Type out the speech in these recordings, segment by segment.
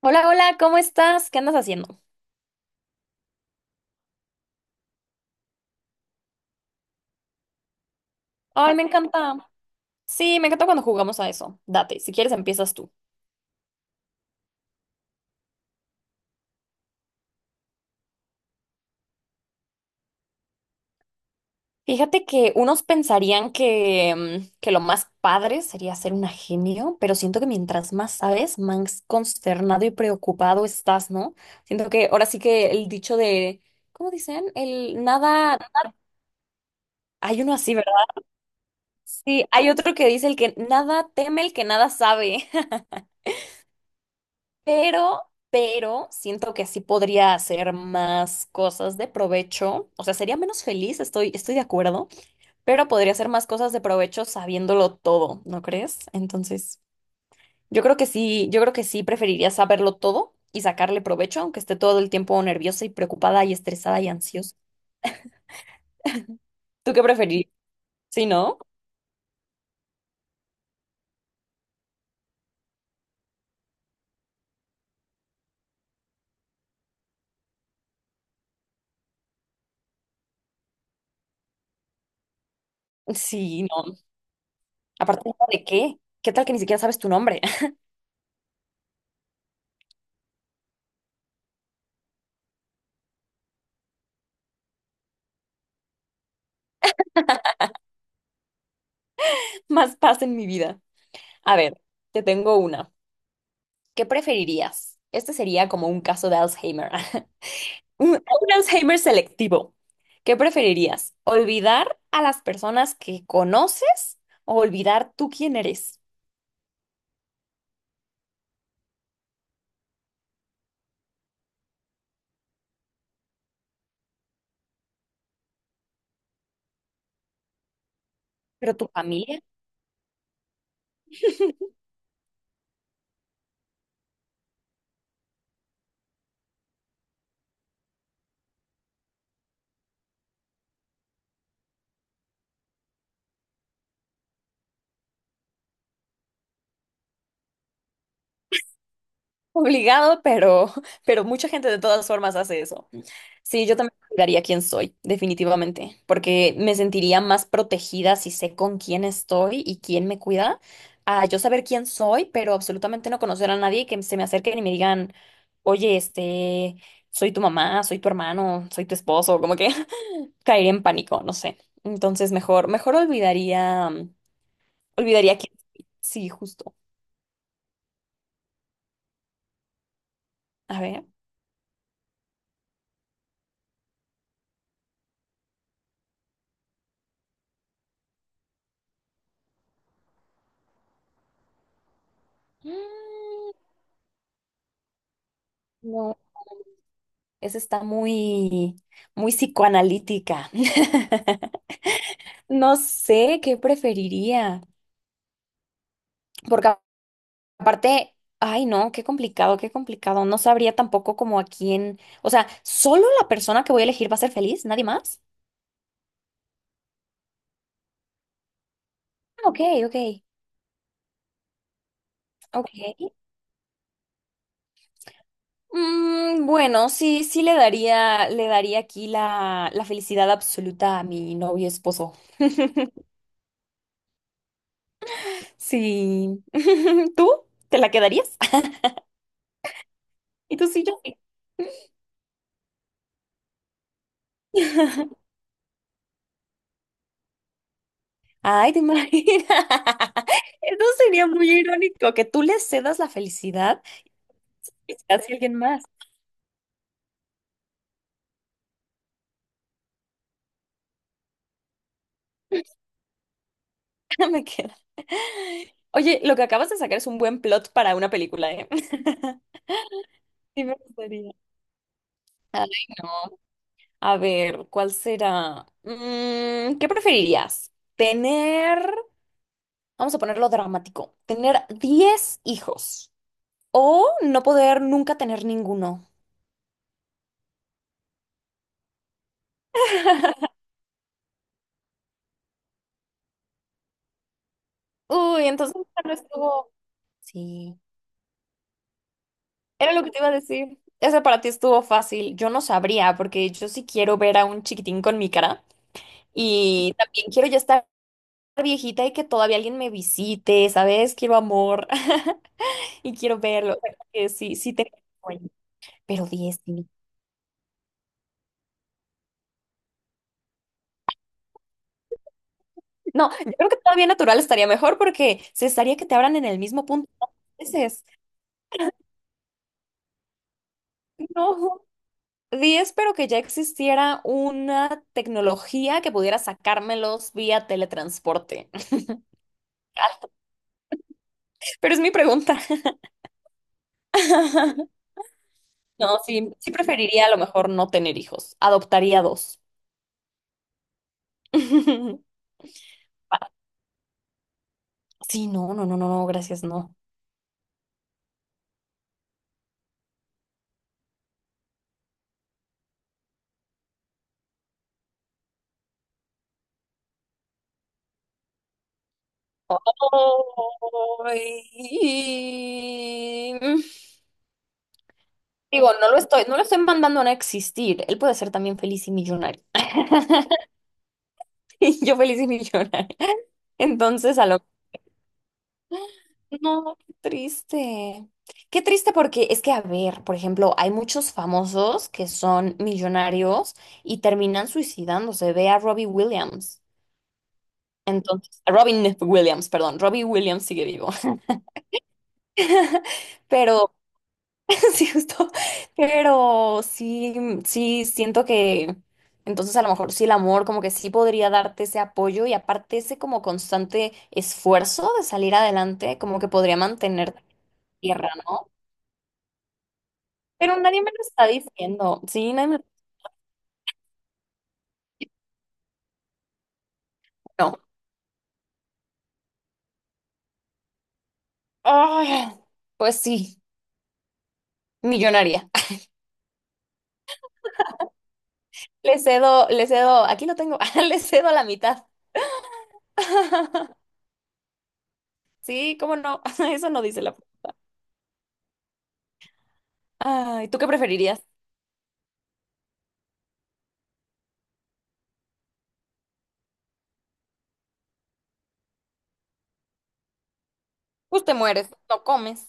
Hola, hola, ¿cómo estás? ¿Qué andas haciendo? Ay, me encanta. Sí, me encanta cuando jugamos a eso. Date, si quieres empiezas tú. Fíjate que unos pensarían que, que lo más padre sería ser un genio, pero siento que mientras más sabes, más consternado y preocupado estás, ¿no? Siento que ahora sí que el dicho de, ¿cómo dicen? El nada, hay uno así, ¿verdad? Sí, hay otro que dice el que nada teme el que nada sabe. Pero siento que sí podría hacer más cosas de provecho. O sea, sería menos feliz, estoy de acuerdo, pero podría hacer más cosas de provecho sabiéndolo todo, ¿no crees? Entonces, yo creo que sí, yo creo que sí preferiría saberlo todo y sacarle provecho, aunque esté todo el tiempo nerviosa y preocupada y estresada y ansiosa. ¿Tú qué preferirías? Sí, ¿no? Sí, no. ¿Aparte, no, de qué? ¿Qué tal que ni siquiera sabes tu nombre? Más paz en mi vida. A ver, te tengo una. ¿Qué preferirías? Este sería como un caso de Alzheimer, un Alzheimer selectivo. ¿Qué preferirías? ¿Olvidar a las personas que conoces o olvidar tú quién eres? Pero tu familia, obligado, pero mucha gente de todas formas hace eso. Sí, yo también cuidaría quién soy, definitivamente, porque me sentiría más protegida si sé con quién estoy y quién me cuida, a yo saber quién soy, pero absolutamente no conocer a nadie y que se me acerquen y me digan, oye, soy tu mamá, soy tu hermano, soy tu esposo, como que caería en pánico, no sé. Entonces, mejor olvidaría, olvidaría quién soy. Sí, justo. A ver. Mm, no, esa está muy, muy psicoanalítica. No sé qué preferiría, porque aparte, ay no, qué complicado, qué complicado. No sabría tampoco como a quién, o sea, solo la persona que voy a elegir va a ser feliz, nadie más. Ah, ok, ok, ok. Mm, bueno, sí, sí le daría aquí la felicidad absoluta a mi novio esposo. Sí. ¿Tú? ¿Te la quedarías? ¿Y tú sí, yo? ¿Sí? Ay, ¿te imaginas? Eso sería muy irónico, que tú le cedas la felicidad y se la des a alguien más. Me queda. Oye, lo que acabas de sacar es un buen plot para una película, ¿eh? Sí me gustaría. Ay, no. A ver, ¿cuál será? Mm, ¿qué preferirías? Tener, vamos a ponerlo dramático, tener 10 hijos o no poder nunca tener ninguno. Uy, entonces no estuvo. Sí. Era lo que te iba a decir. Ese para ti estuvo fácil. Yo no sabría, porque yo sí quiero ver a un chiquitín con mi cara. Y también quiero ya estar viejita y que todavía alguien me visite, ¿sabes? Quiero amor y quiero verlo. O sea, como que sí, sí tengo sueño, pero 10 sí. No, yo creo que todavía natural estaría mejor porque se estaría que te abran en el mismo punto 2 veces. No, 10 pero que ya existiera una tecnología que pudiera sacármelos vía teletransporte. Pero es mi pregunta. No, sí, sí preferiría a lo mejor no tener hijos. Adoptaría dos. Sí, no, no, no, no, no, gracias, no. Ay. Digo, no lo estoy, no lo estoy mandando a no existir. Él puede ser también feliz y millonario. Y yo feliz y millonaria. Entonces, a lo... No, qué triste. Qué triste porque es que, a ver, por ejemplo, hay muchos famosos que son millonarios y terminan suicidándose. Ve a Robbie Williams. Entonces, Robin Williams, perdón, Robbie Williams sigue vivo. Pero, sí, justo, pero sí, sí, siento que entonces a lo mejor sí el amor como que sí podría darte ese apoyo y aparte ese como constante esfuerzo de salir adelante, como que podría mantenerte en tierra, ¿no? Pero nadie me lo está diciendo, sí, nadie me lo... No. Ay, pues sí, millonaria. Le cedo, aquí lo tengo, le cedo la mitad. Sí, cómo no, eso no dice la. Ay, ¿tú qué preferirías? Pues te mueres, no comes.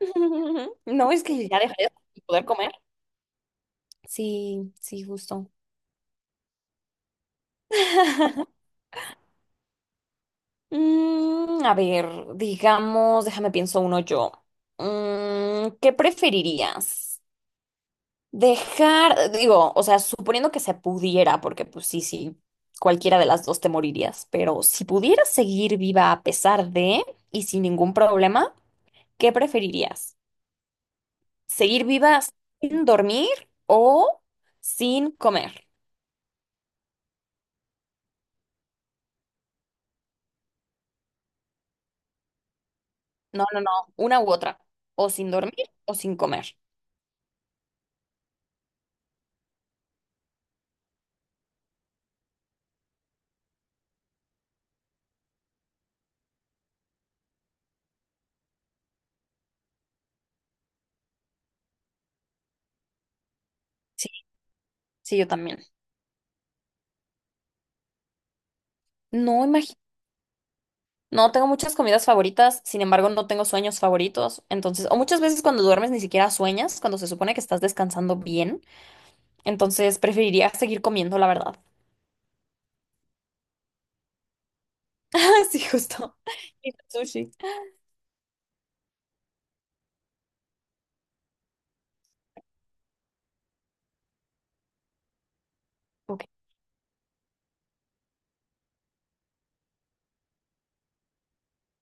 No, es que ya dejarías de poder comer. Sí, sí, justo. Mm, a ver, digamos, déjame pienso uno yo. Mm, ¿qué preferirías? Dejar, digo, o sea, suponiendo que se pudiera, porque pues sí, sí, cualquiera de las dos te morirías, pero si pudieras seguir viva a pesar de y sin ningún problema, ¿qué preferirías? Seguir viva sin dormir o sin comer. No, no, no, una u otra. O sin dormir o sin comer. Sí, sí, yo también. No, imagino. No, tengo muchas comidas favoritas, sin embargo, no tengo sueños favoritos. Entonces, o muchas veces cuando duermes ni siquiera sueñas, cuando se supone que estás descansando bien. Entonces, preferiría seguir comiendo, la verdad. Sí, justo. Y sushi. Ok.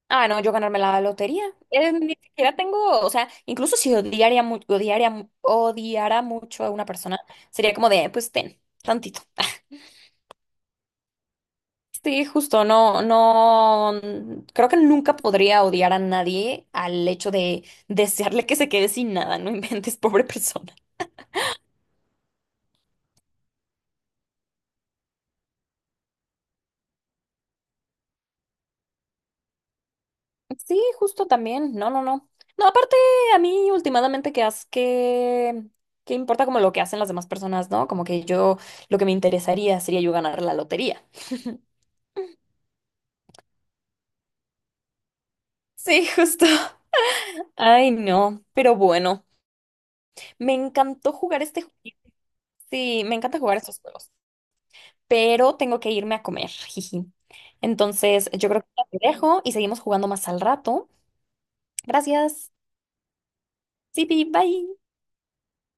Ah, no, yo ganarme la lotería. Ni siquiera tengo, o sea, incluso si odiaría, odiaría, odiara mucho a una persona, sería como de, pues ten, tantito. Sí, justo, no, no, mm, creo que nunca podría odiar a nadie al hecho de desearle que se quede sin nada, no inventes, pobre persona. Sí, justo también, no, no, no. No, aparte, a mí últimamente que haz que importa como lo que hacen las demás personas, ¿no? Como que yo, lo que me interesaría sería yo ganar la lotería. Sí, justo. Ay, no, pero bueno, me encantó jugar este. Sí, me encanta jugar estos juegos, pero tengo que irme a comer, jiji. Entonces, yo creo que ya te dejo y seguimos jugando más al rato. Gracias. Sí, bye.